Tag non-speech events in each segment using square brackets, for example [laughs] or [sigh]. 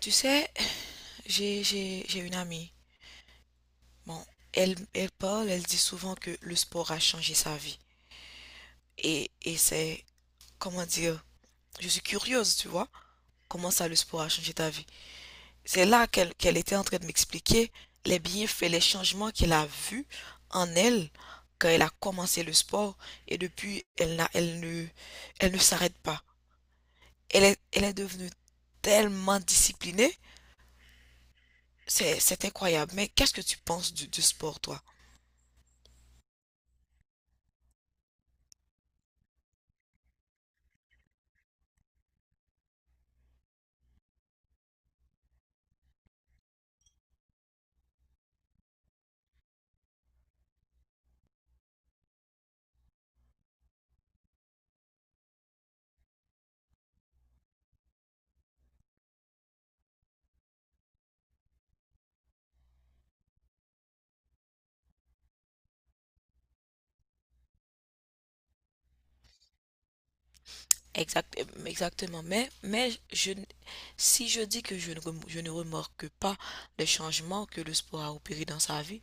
Tu sais, j'ai une amie. Bon, elle dit souvent que le sport a changé sa vie. Et comment dire, je suis curieuse, tu vois, comment ça le sport a changé ta vie. C'est là qu'elle était en train de m'expliquer les bienfaits, les changements qu'elle a vus en elle quand elle a commencé le sport. Et depuis, elle ne s'arrête pas. Elle est devenue tellement disciplinée. C'est incroyable. Mais qu'est-ce que tu penses du sport, toi? Exact, exactement. Mais je, n- si je dis que je ne, rem- je ne remarque pas les changements que le sport a opéré dans sa vie,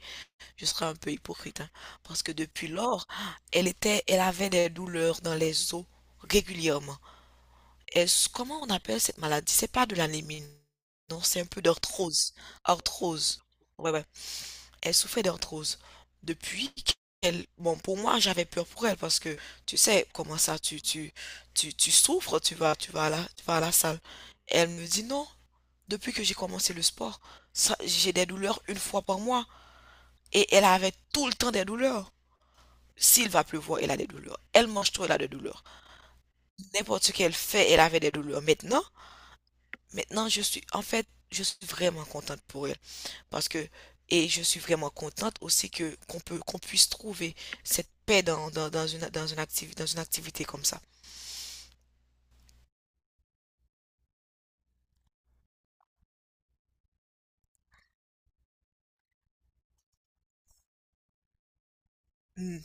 je serais un peu hypocrite, hein. Parce que depuis lors, elle avait des douleurs dans les os régulièrement. Est-ce, comment on appelle cette maladie? C'est pas de l'anémie, non, c'est un peu d'arthrose. Arthrose. Ouais, ouais, elle souffrait d'arthrose. Depuis qu'elle, bon, pour moi, j'avais peur pour elle parce que tu sais comment ça, tu souffres, tu vas à la salle. Et elle me dit non. Depuis que j'ai commencé le sport, j'ai des douleurs une fois par mois et elle avait tout le temps des douleurs. S'il va pleuvoir, elle a des douleurs. Elle mange tout, elle a des douleurs. N'importe ce qu'elle fait, elle avait des douleurs. Maintenant, en fait, je suis vraiment contente pour elle. Parce que, et je suis vraiment contente aussi que qu'on puisse trouver cette paix dans dans une activité comme ça. Hmm,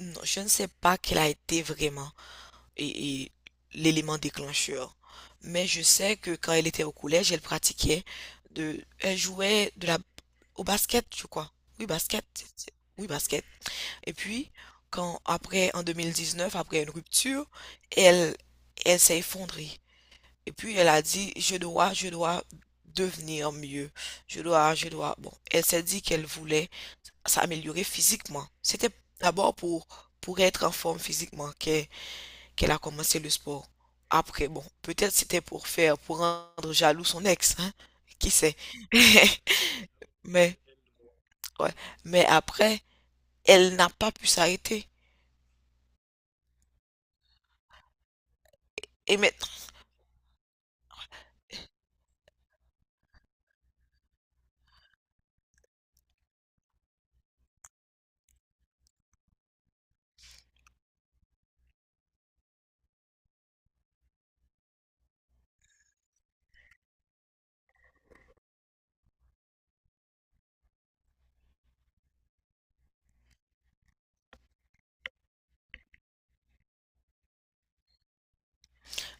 non, je ne sais pas quel a été vraiment et, et l'élément déclencheur, mais je sais que quand elle était au collège, elle pratiquait de, elle jouait au basket, je crois. Oui, basket. Oui, basket. Et puis, quand après, en 2019, après une rupture, elle, elle s'est effondrée. Et puis, elle a dit, je dois devenir mieux. Je dois, je dois. Bon, elle s'est dit qu'elle voulait s'améliorer physiquement. C'était d'abord pour être en forme physiquement qu'elle a commencé le sport. Après, bon, peut-être c'était pour faire, pour rendre jaloux son ex, hein. Qui sait? [laughs] Mais, ouais. Mais après, elle n'a pas pu s'arrêter. Et maintenant,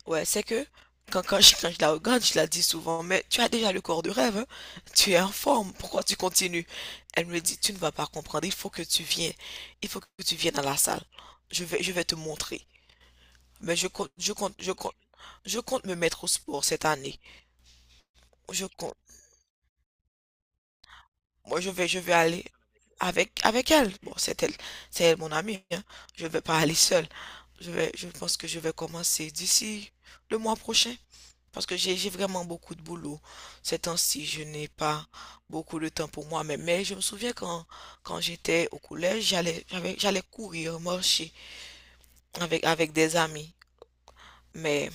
ouais, c'est que quand je la regarde, je la dis souvent, mais tu as déjà le corps de rêve, hein? Tu es en forme, pourquoi tu continues? Elle me dit, tu ne vas pas comprendre, il faut que tu viennes à la salle. Je vais te montrer. Mais je compte, je compte, je compte, je compte me mettre au sport cette année. Je compte, moi je vais aller avec elle. Bon, c'est elle mon amie, hein? Je vais pas aller seule. Je pense que je vais commencer d'ici le mois prochain. Parce que j'ai vraiment beaucoup de boulot. Ces temps-ci, je n'ai pas beaucoup de temps pour moi. Mais je me souviens quand, quand j'étais au collège, j'allais courir, marcher avec des amis. Mais,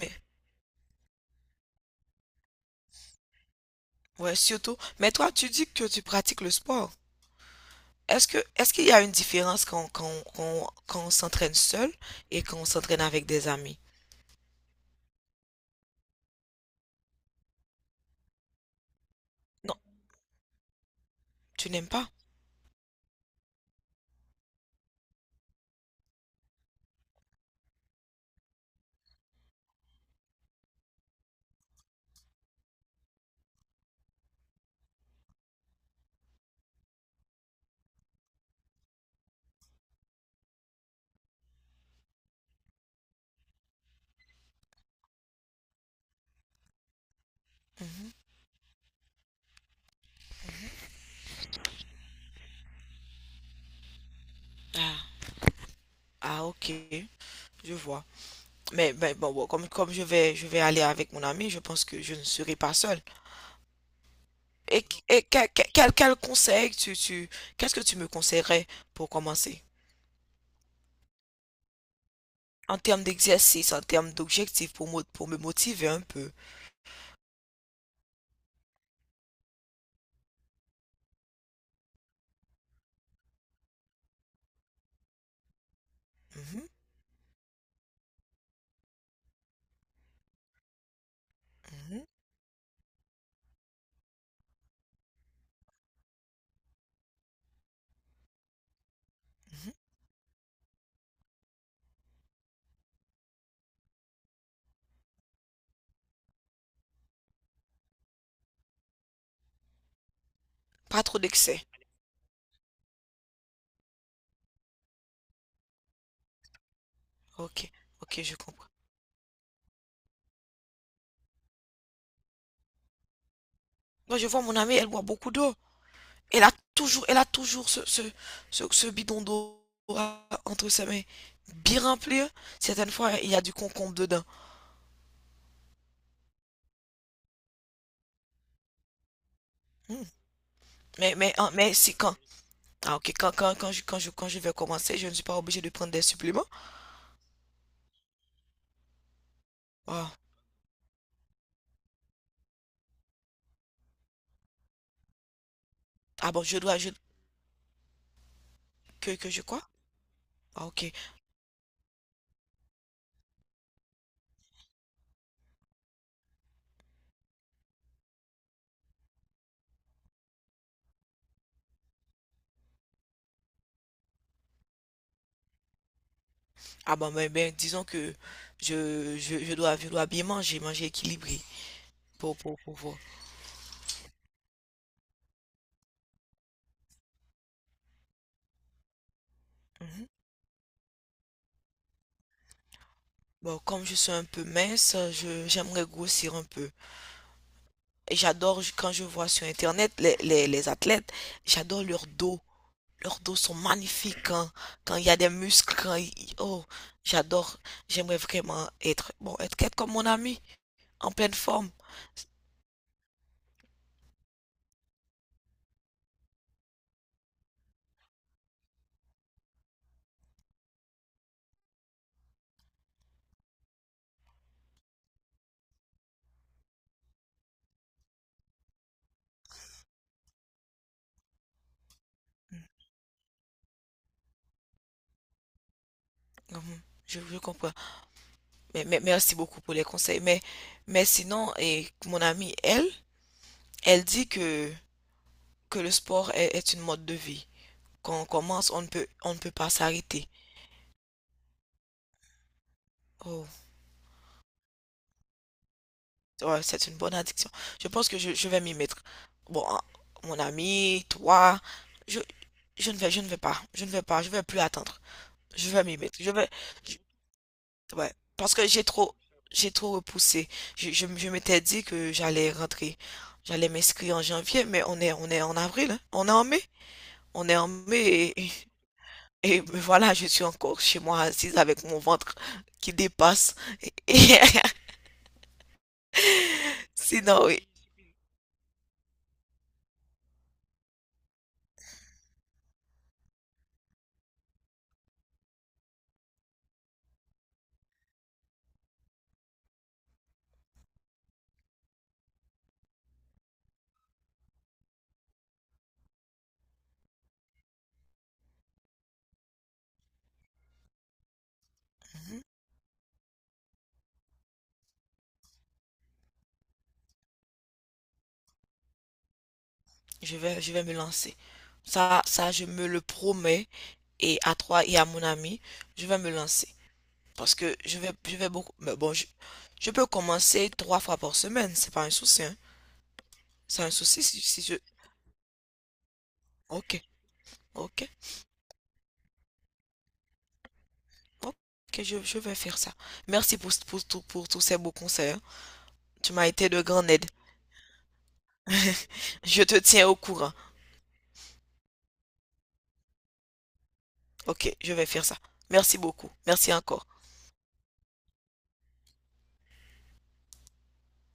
mais, ouais, surtout. Mais toi, tu dis que tu pratiques le sport. Est-ce que, est-ce qu'il y a une différence quand on s'entraîne seul et quand on s'entraîne avec des amis? Non, tu n'aimes pas? Ah, ah, ok, je vois. Mais bon, bon, comme je vais aller avec mon ami, je pense que je ne serai pas seule. Et conseil qu'est-ce que tu me conseillerais pour commencer? En termes d'exercice, en termes d'objectifs pour, pour me motiver un peu. Mhm, mhm, mhm. Pas trop d'excès. Ok, ok, je comprends. Moi, je vois mon amie, elle boit beaucoup d'eau. Elle a toujours ce bidon d'eau entre ses mains, bien rempli, hein. Certaines fois, il y a du concombre dedans. Hmm. Mais, hein, mais c'est quand? Ah, ok, quand je vais commencer, je ne suis pas obligé de prendre des suppléments. Ah. Ah bon, que je quoi? Ah ok. Ah bon, ben, ben, disons que je dois bien manger, manger équilibré pour voir. Mhm. Bon, comme je suis un peu mince, je, j'aimerais grossir un peu. Et j'adore, quand je vois sur Internet les athlètes, j'adore leur dos. Leurs dos sont magnifiques quand il y a des muscles, oh, j'adore. J'aimerais vraiment être, bon, être comme mon ami, en pleine forme. Mhm. Mhm. Je comprends. Mais, merci beaucoup pour les conseils. Mais sinon, et mon amie, elle, elle dit que le sport est une mode de vie. Quand on commence, on ne peut pas s'arrêter. Oh, ouais, c'est une bonne addiction. Je pense que je vais m'y mettre. Bon, hein, mon ami, toi, je, je ne vais pas, je ne vais pas, je vais plus attendre. Je vais m'y mettre. Je vais, ouais, parce que j'ai trop repoussé. Je m'étais dit que j'allais rentrer, j'allais m'inscrire en janvier, mais on est en avril, hein. On est en mai, et, me [laughs] voilà, je suis encore chez moi assise avec mon ventre qui dépasse. Et- [laughs] sinon, oui, Mhm. Je vais me lancer. Je me le promets. Et à toi et à mon ami, je vais me lancer parce que je vais beaucoup. Mais bon, je peux commencer 3 fois par semaine, c'est pas un souci, hein. C'est un souci si, si je... Ok, ok, ok, je vais faire ça. Merci pour tous ces beaux conseils, hein. Tu m'as été de grande aide. Je te tiens au courant. Ok, je vais faire ça. Merci beaucoup. Merci encore.